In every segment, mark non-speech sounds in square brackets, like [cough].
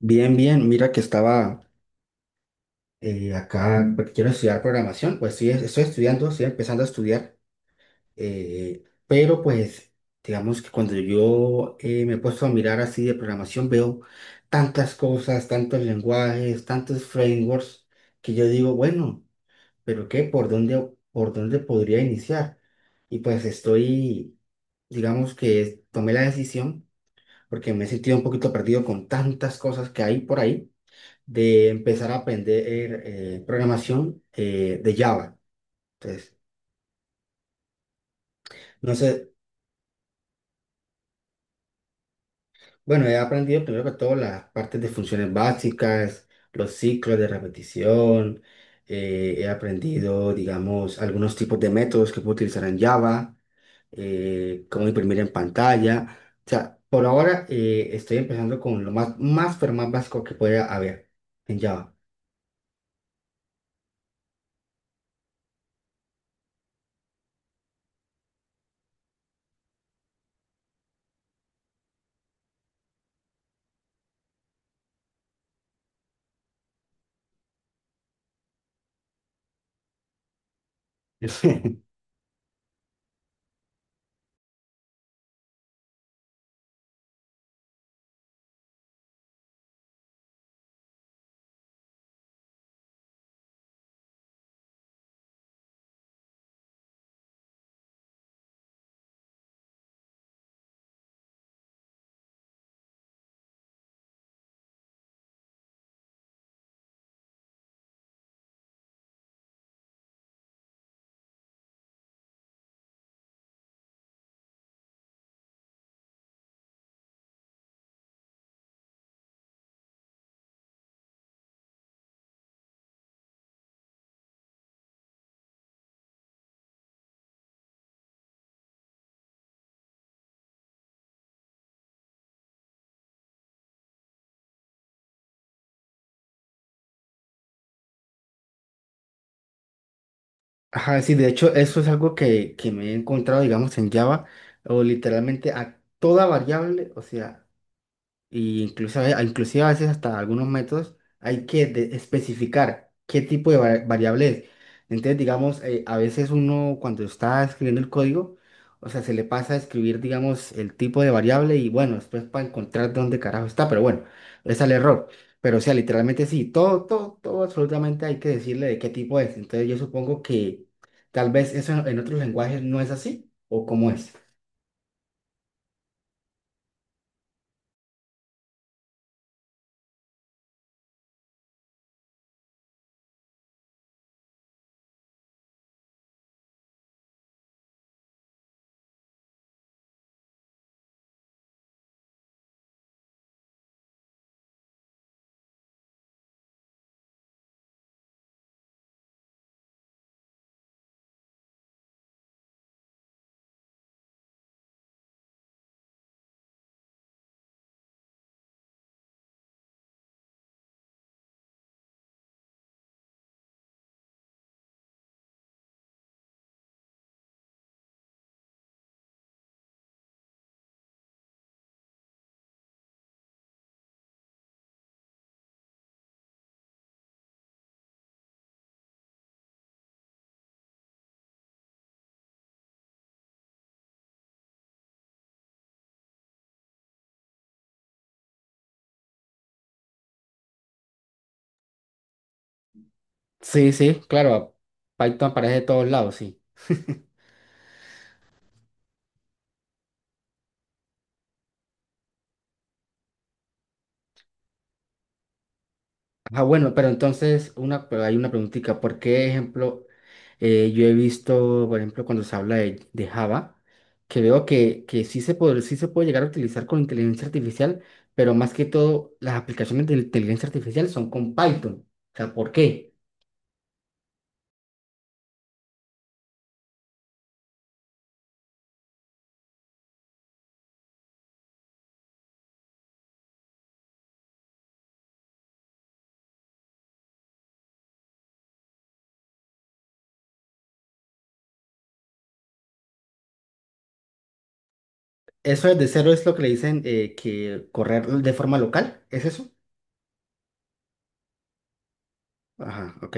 Bien, bien, mira que estaba acá, porque quiero estudiar programación. Pues sí, estoy estudiando, estoy empezando a estudiar, pero pues digamos que cuando yo me he puesto a mirar así de programación, veo tantas cosas, tantos lenguajes, tantos frameworks, que yo digo, bueno, pero ¿qué? Por dónde podría iniciar? Y pues estoy, digamos que tomé la decisión, porque me he sentido un poquito perdido con tantas cosas que hay por ahí, de empezar a aprender programación de Java. Entonces, no sé, bueno, he aprendido primero que todo las partes de funciones básicas, los ciclos de repetición, he aprendido, digamos, algunos tipos de métodos que puedo utilizar en Java, cómo imprimir en pantalla. O sea, por ahora estoy empezando con lo más, más, pero más básico que pueda haber en Java. [laughs] Ajá, sí, de hecho, eso es algo que me he encontrado, digamos, en Java, o literalmente a toda variable, o sea, y incluso, a- inclusive a veces hasta algunos métodos hay que de- especificar qué tipo de va- variable es. Entonces, digamos, a veces uno cuando está escribiendo el código, o sea, se le pasa a escribir, digamos, el tipo de variable y bueno, después para encontrar dónde carajo está, pero bueno, ese es el error. Pero o sea, literalmente sí, todo, todo, todo absolutamente hay que decirle de qué tipo es. Entonces, yo supongo que tal vez eso en otros lenguajes no es así, o cómo es. Sí, sí, claro, Python aparece de todos lados, sí. Ah, bueno, pero entonces una, pero hay una preguntita. ¿Por qué, ejemplo, yo he visto, por ejemplo, cuando se habla de Java, que veo que sí se puede llegar a utilizar con inteligencia artificial, pero más que todo, las aplicaciones de inteligencia artificial son con Python. O sea, ¿por qué? Eso de cero es lo que le dicen, que correr de forma local, ¿es eso? Ajá, ok.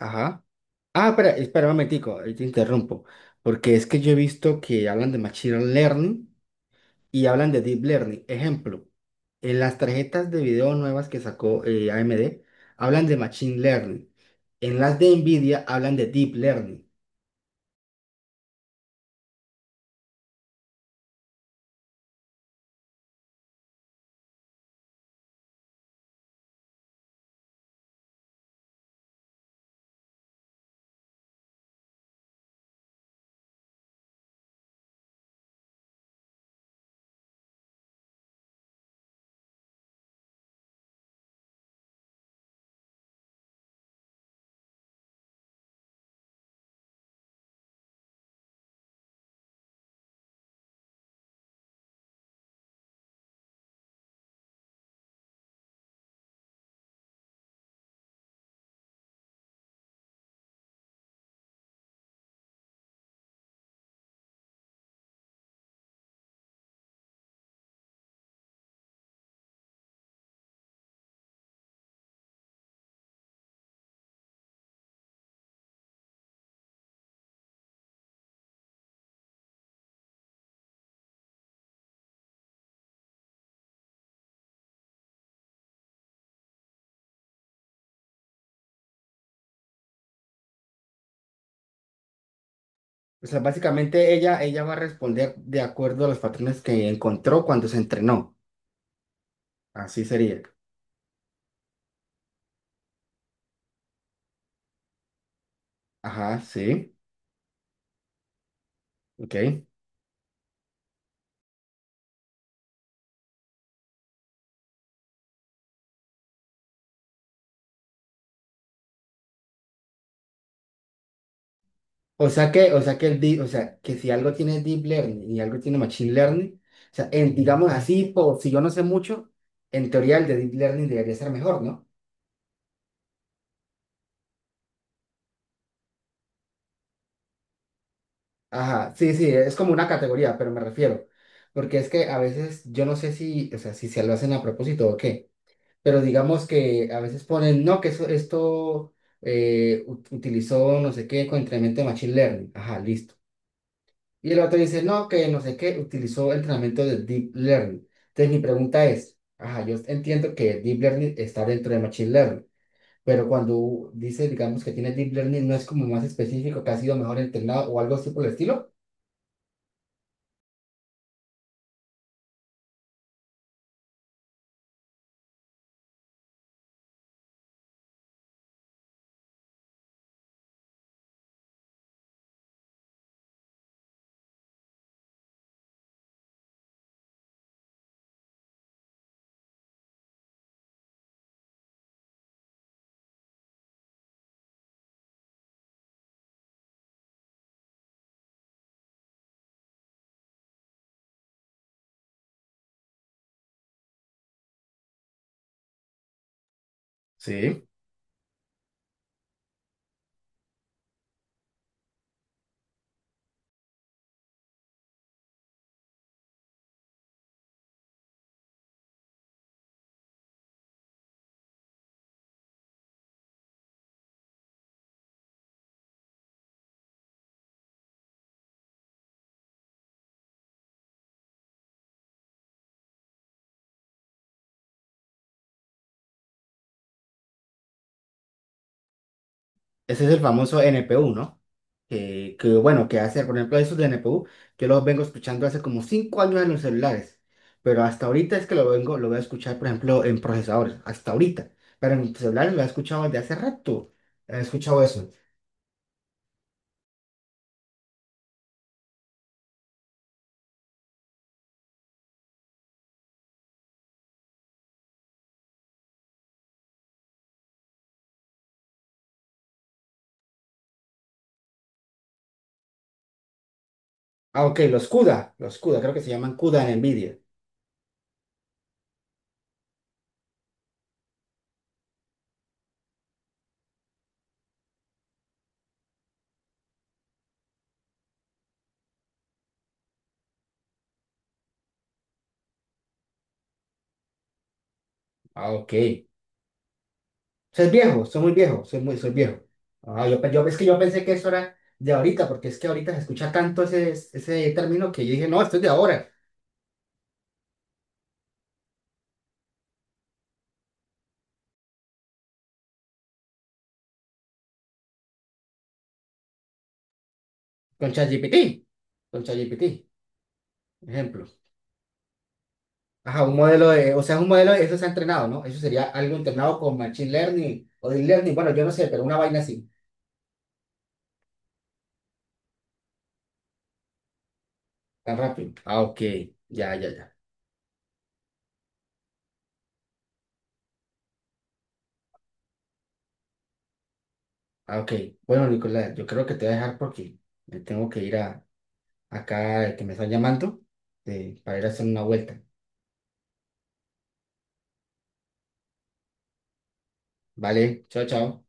Ajá. Ah, espera, espera un momentico, ahí te interrumpo, porque es que yo he visto que hablan de Machine Learning y hablan de Deep Learning. Ejemplo, en las tarjetas de video nuevas que sacó AMD hablan de Machine Learning. En las de Nvidia hablan de Deep Learning. O sea, básicamente ella, ella va a responder de acuerdo a los patrones que encontró cuando se entrenó. Así sería. Ajá, sí, ok. O sea que el deep- o sea, que si algo tiene deep learning y algo tiene machine learning, o sea, en- digamos así, por si yo no sé mucho, en teoría el de deep learning debería ser mejor, ¿no? Ajá, sí, sí, es como una categoría, pero me refiero, porque es que a veces yo no sé si, o sea, si se lo hacen a propósito o qué, pero digamos que a veces ponen, no, que eso, esto ut- utilizó no sé qué con entrenamiento de Machine Learning, ajá, listo. Y el otro dice, no, que no sé qué, utilizó entrenamiento de Deep Learning. Entonces mi pregunta es, ajá, yo entiendo que Deep Learning está dentro de Machine Learning, pero cuando dice, digamos, que tiene Deep Learning, ¿no es como más específico, que ha sido mejor entrenado o algo así por el estilo? Sí. Ese es el famoso NPU, ¿no? Que, bueno, que hace, por ejemplo, esos de NPU, yo los vengo escuchando hace como 5 años en los celulares, pero hasta ahorita es que lo vengo, lo voy a escuchar, por ejemplo, en procesadores, hasta ahorita, pero en celulares lo he escuchado desde hace rato, he escuchado eso. Ah, ok, los CUDA, creo que se llaman CUDA en NVIDIA. Ah, ok. Soy viejo, soy muy, soy viejo. Ah, yo, pe- yo, es que yo pensé que eso era de ahorita, porque es que ahorita se escucha tanto ese, ese término que yo dije, no, esto es de ahora. Con ChatGPT. Con ChatGPT. Ejemplo. Ajá, un modelo de, o sea, es un modelo, eso se ha entrenado, ¿no? Eso sería algo entrenado con Machine Learning o Deep Learning. Bueno, yo no sé, pero una vaina así, tan rápido. Ah, ok. Ya, ya, ya. Ah, ok. Bueno, Nicolás, yo creo que te voy a dejar porque me tengo que ir a acá, que me están llamando, para ir a hacer una vuelta. Vale, chao, chao.